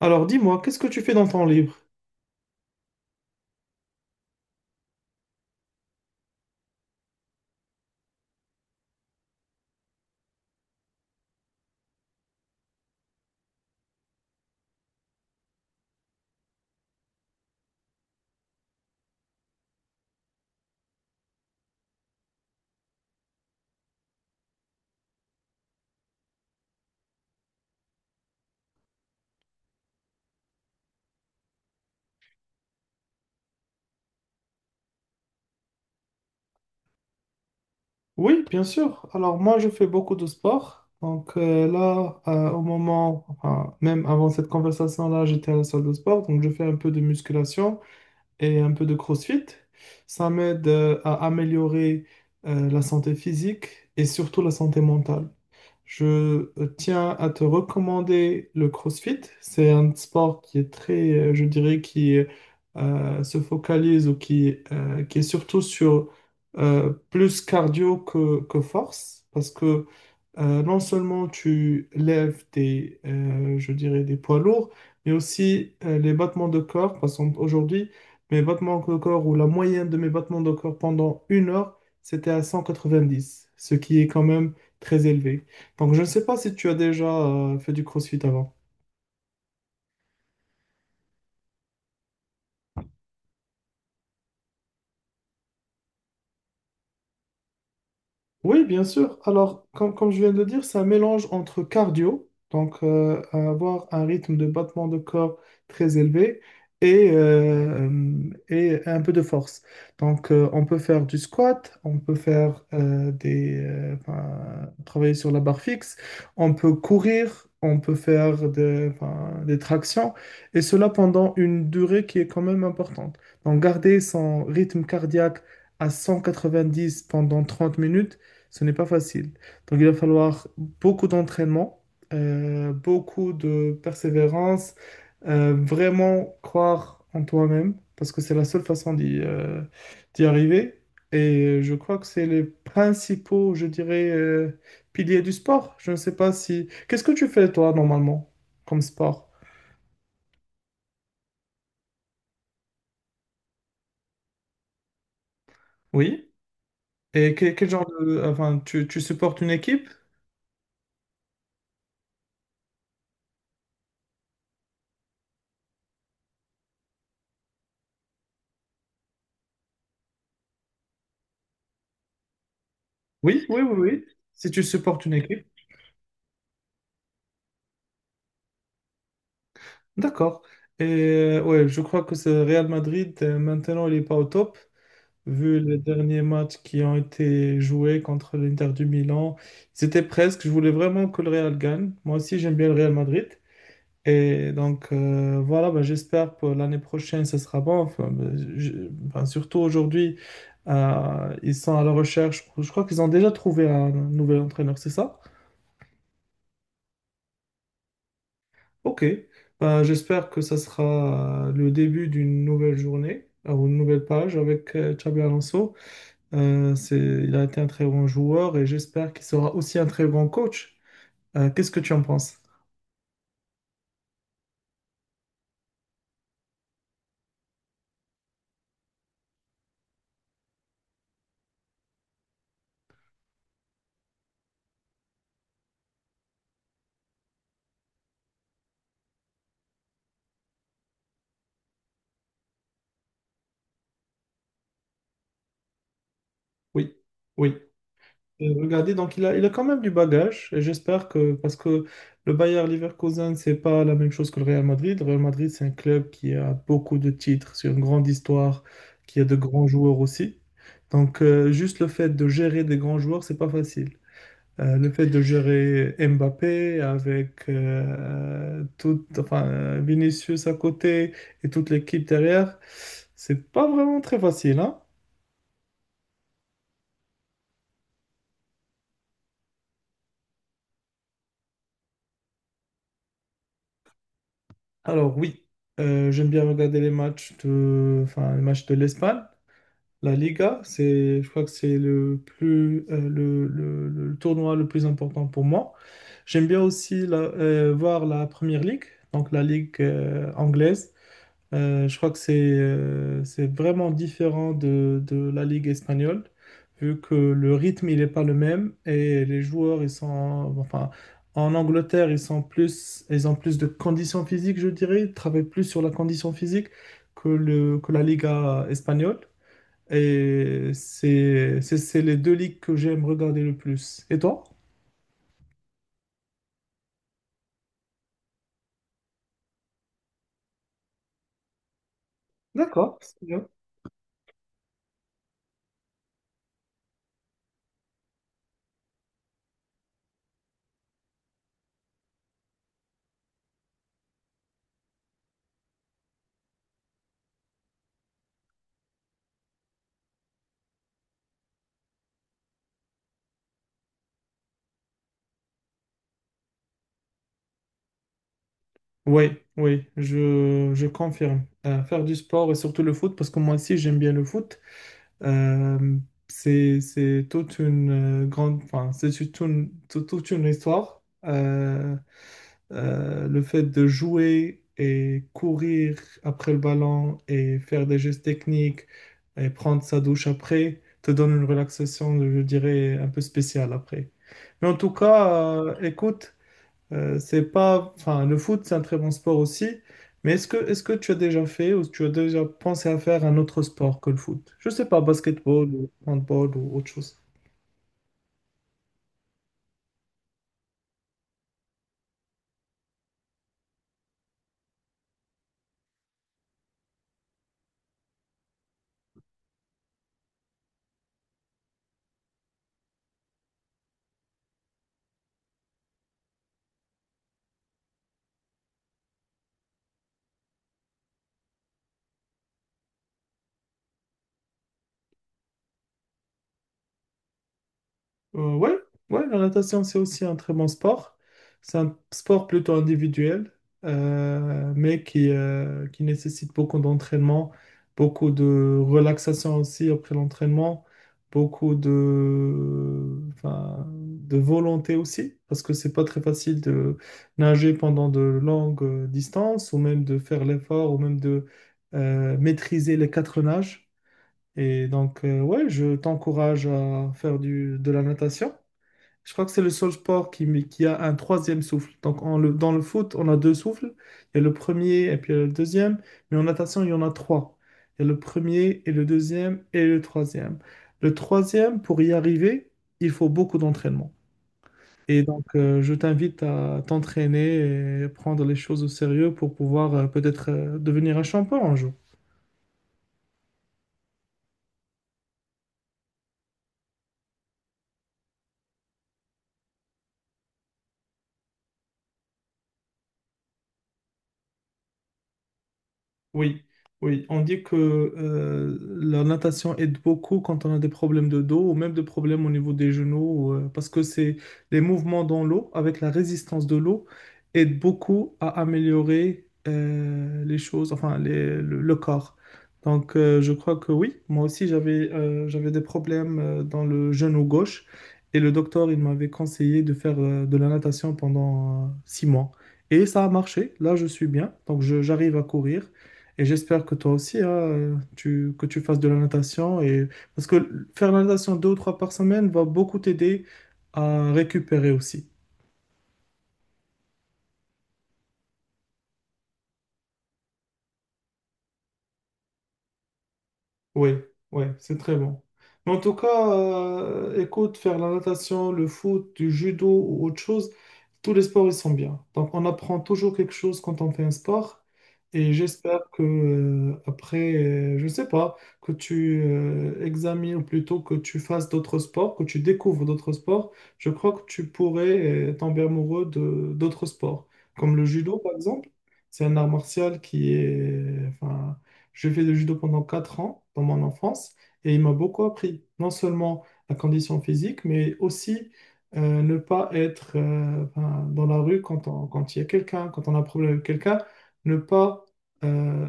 Alors dis-moi, qu'est-ce que tu fais dans ton libre? Oui, bien sûr. Alors moi, je fais beaucoup de sport. Donc là, au moment, enfin, même avant cette conversation-là, j'étais à la salle de sport. Donc je fais un peu de musculation et un peu de CrossFit. Ça m'aide à améliorer la santé physique et surtout la santé mentale. Je tiens à te recommander le CrossFit. C'est un sport qui est très, je dirais, qui se focalise ou qui est surtout sur plus cardio que force, parce que non seulement tu lèves des, je dirais, des poids lourds, mais aussi les battements de corps. Parce qu'aujourd'hui, mes battements de corps ou la moyenne de mes battements de corps pendant 1 heure, c'était à 190, ce qui est quand même très élevé. Donc, je ne sais pas si tu as déjà fait du CrossFit avant. Oui, bien sûr. Alors, comme je viens de le dire, c'est un mélange entre cardio, donc avoir un rythme de battement de corps très élevé, et, euh, et un peu de force. Donc, on peut faire du squat, on peut faire enfin, travailler sur la barre fixe, on peut courir, on peut faire enfin, des tractions, et cela pendant une durée qui est quand même importante. Donc, garder son rythme cardiaque à 190 pendant 30 minutes, ce n'est pas facile. Donc, il va falloir beaucoup d'entraînement, beaucoup de persévérance, vraiment croire en toi-même, parce que c'est la seule façon d'y arriver. Et je crois que c'est les principaux, je dirais, piliers du sport. Je ne sais pas si. Qu'est-ce que tu fais, toi, normalement, comme sport? Oui. Et quel, genre de. Enfin, tu supportes une équipe? Oui, oui, oui, oui. Si tu supportes une équipe. D'accord. Et ouais, je crois que c'est Real Madrid. Maintenant, il n'est pas au top, vu les derniers matchs qui ont été joués contre l'Inter du Milan. C'était presque, je voulais vraiment que le Real gagne. Moi aussi, j'aime bien le Real Madrid. Et donc, voilà, ben, j'espère pour l'année prochaine, ça sera bon. Enfin, ben, ben, surtout aujourd'hui, ils sont à la recherche. Je crois qu'ils ont déjà trouvé un nouvel entraîneur, c'est ça? Ok, ben, j'espère que ça sera le début d'une nouvelle journée, ou une nouvelle page avec Xabi Alonso. Il a été un très bon joueur et j'espère qu'il sera aussi un très bon coach. Qu'est-ce que tu en penses? Oui, oui. Regardez, donc il a quand même du bagage, et j'espère que, parce que le Bayer Leverkusen, c'est pas la même chose que le Real Madrid. Le Real Madrid, c'est un club qui a beaucoup de titres, c'est une grande histoire, qui a de grands joueurs aussi. Donc, juste le fait de gérer des grands joueurs, c'est pas facile. Le fait de gérer Mbappé avec tout, enfin, Vinicius à côté et toute l'équipe derrière, c'est pas vraiment très facile, hein. Alors oui, j'aime bien regarder les matchs de, enfin, les matchs de l'Espagne, la Liga. C'est, je crois que c'est le plus, le tournoi le plus important pour moi. J'aime bien aussi voir la Première Ligue, donc la Ligue anglaise. Je crois que c'est vraiment différent de la Ligue espagnole, vu que le rythme il n'est pas le même et les joueurs ils sont enfin en Angleterre ils sont plus ils ont plus de conditions physiques, je dirais, ils travaillent plus sur la condition physique que la Liga espagnole. Et c'est les deux ligues que j'aime regarder le plus. Et toi? D'accord, c'est bien. Oui, oui, je confirme. Faire du sport et surtout le foot, parce que moi aussi j'aime bien le foot. Euh, c'est toute une grande, enfin, c'est toute une histoire. Le fait de jouer et courir après le ballon et faire des gestes techniques et prendre sa douche après te donne une relaxation, je dirais, un peu spéciale après. Mais en tout cas, écoute, c'est pas, enfin, le foot, c'est un très bon sport aussi, mais est-ce que tu as déjà fait ou tu as déjà pensé à faire un autre sport que le foot? Je sais pas, basketball ou handball ou autre chose. Ouais, ouais, la natation, c'est aussi un très bon sport. C'est un sport plutôt individuel, mais qui nécessite beaucoup d'entraînement, beaucoup de relaxation aussi après l'entraînement, beaucoup de, enfin, de volonté aussi, parce que c'est pas très facile de nager pendant de longues distances, ou même de faire l'effort, ou même de maîtriser les quatre nages. Et donc, ouais, je t'encourage à faire du, de la natation. Je crois que c'est le seul sport qui a un troisième souffle. Donc dans le foot, on a deux souffles. Il y a le premier et puis il y a le deuxième. Mais en natation, il y en a trois. Il y a le premier et le deuxième et le troisième. Le troisième, pour y arriver, il faut beaucoup d'entraînement. Et donc, je t'invite à t'entraîner et prendre les choses au sérieux pour pouvoir peut-être devenir un champion un jour. Oui, oui, on dit que la natation aide beaucoup quand on a des problèmes de dos ou même des problèmes au niveau des genoux, parce que c'est les mouvements dans l'eau avec la résistance de l'eau aident beaucoup à améliorer les choses, enfin le corps. Donc je crois que oui, moi aussi j'avais des problèmes dans le genou gauche et le docteur il m'avait conseillé de faire de la natation pendant 6 mois. Et ça a marché, là je suis bien, donc j'arrive à courir. Et j'espère que toi aussi, hein, que tu fasses de la natation. Et. Parce que faire la natation deux ou trois par semaine va beaucoup t'aider à récupérer aussi. Oui, oui, c'est très bon. Mais en tout cas, écoute, faire la natation, le foot, du judo ou autre chose, tous les sports, ils sont bien. Donc, on apprend toujours quelque chose quand on fait un sport. Et j'espère que, après, je ne sais pas, que tu examines ou plutôt que tu fasses d'autres sports, que tu découvres d'autres sports. Je crois que tu pourrais tomber amoureux de d'autres sports, comme le judo, par exemple. C'est un art martial qui est, enfin, j'ai fait du judo pendant 4 ans dans mon enfance et il m'a beaucoup appris, non seulement la condition physique, mais aussi ne pas être ben, dans la rue quand quand il y a quelqu'un, quand on a un problème avec quelqu'un, ne pas euh,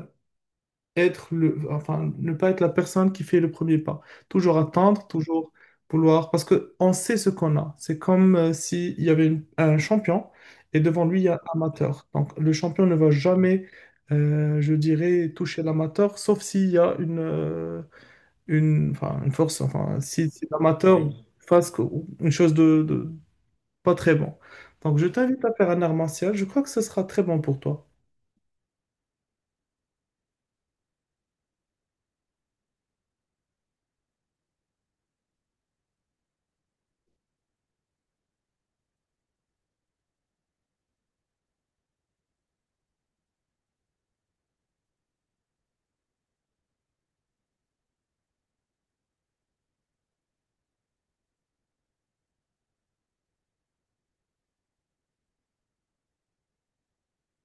être enfin, ne pas être la personne qui fait le premier pas. Toujours attendre, toujours vouloir, parce que on sait ce qu'on a. C'est comme s'il y avait un champion et devant lui, il y a un amateur. Donc, le champion ne va jamais, je dirais, toucher l'amateur, sauf s'il y a une, enfin, une force, enfin, si l'amateur Oui. fasse une chose de pas très bon. Donc, je t'invite à faire un art martial. Je crois que ce sera très bon pour toi.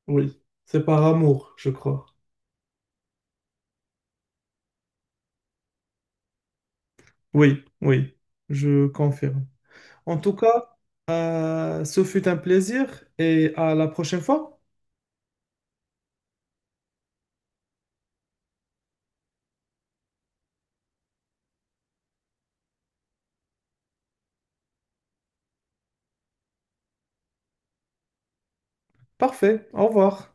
Oui, c'est par amour, je crois. Oui, oui, je confirme. En tout cas, ce fut un plaisir et à la prochaine fois. Parfait, au revoir.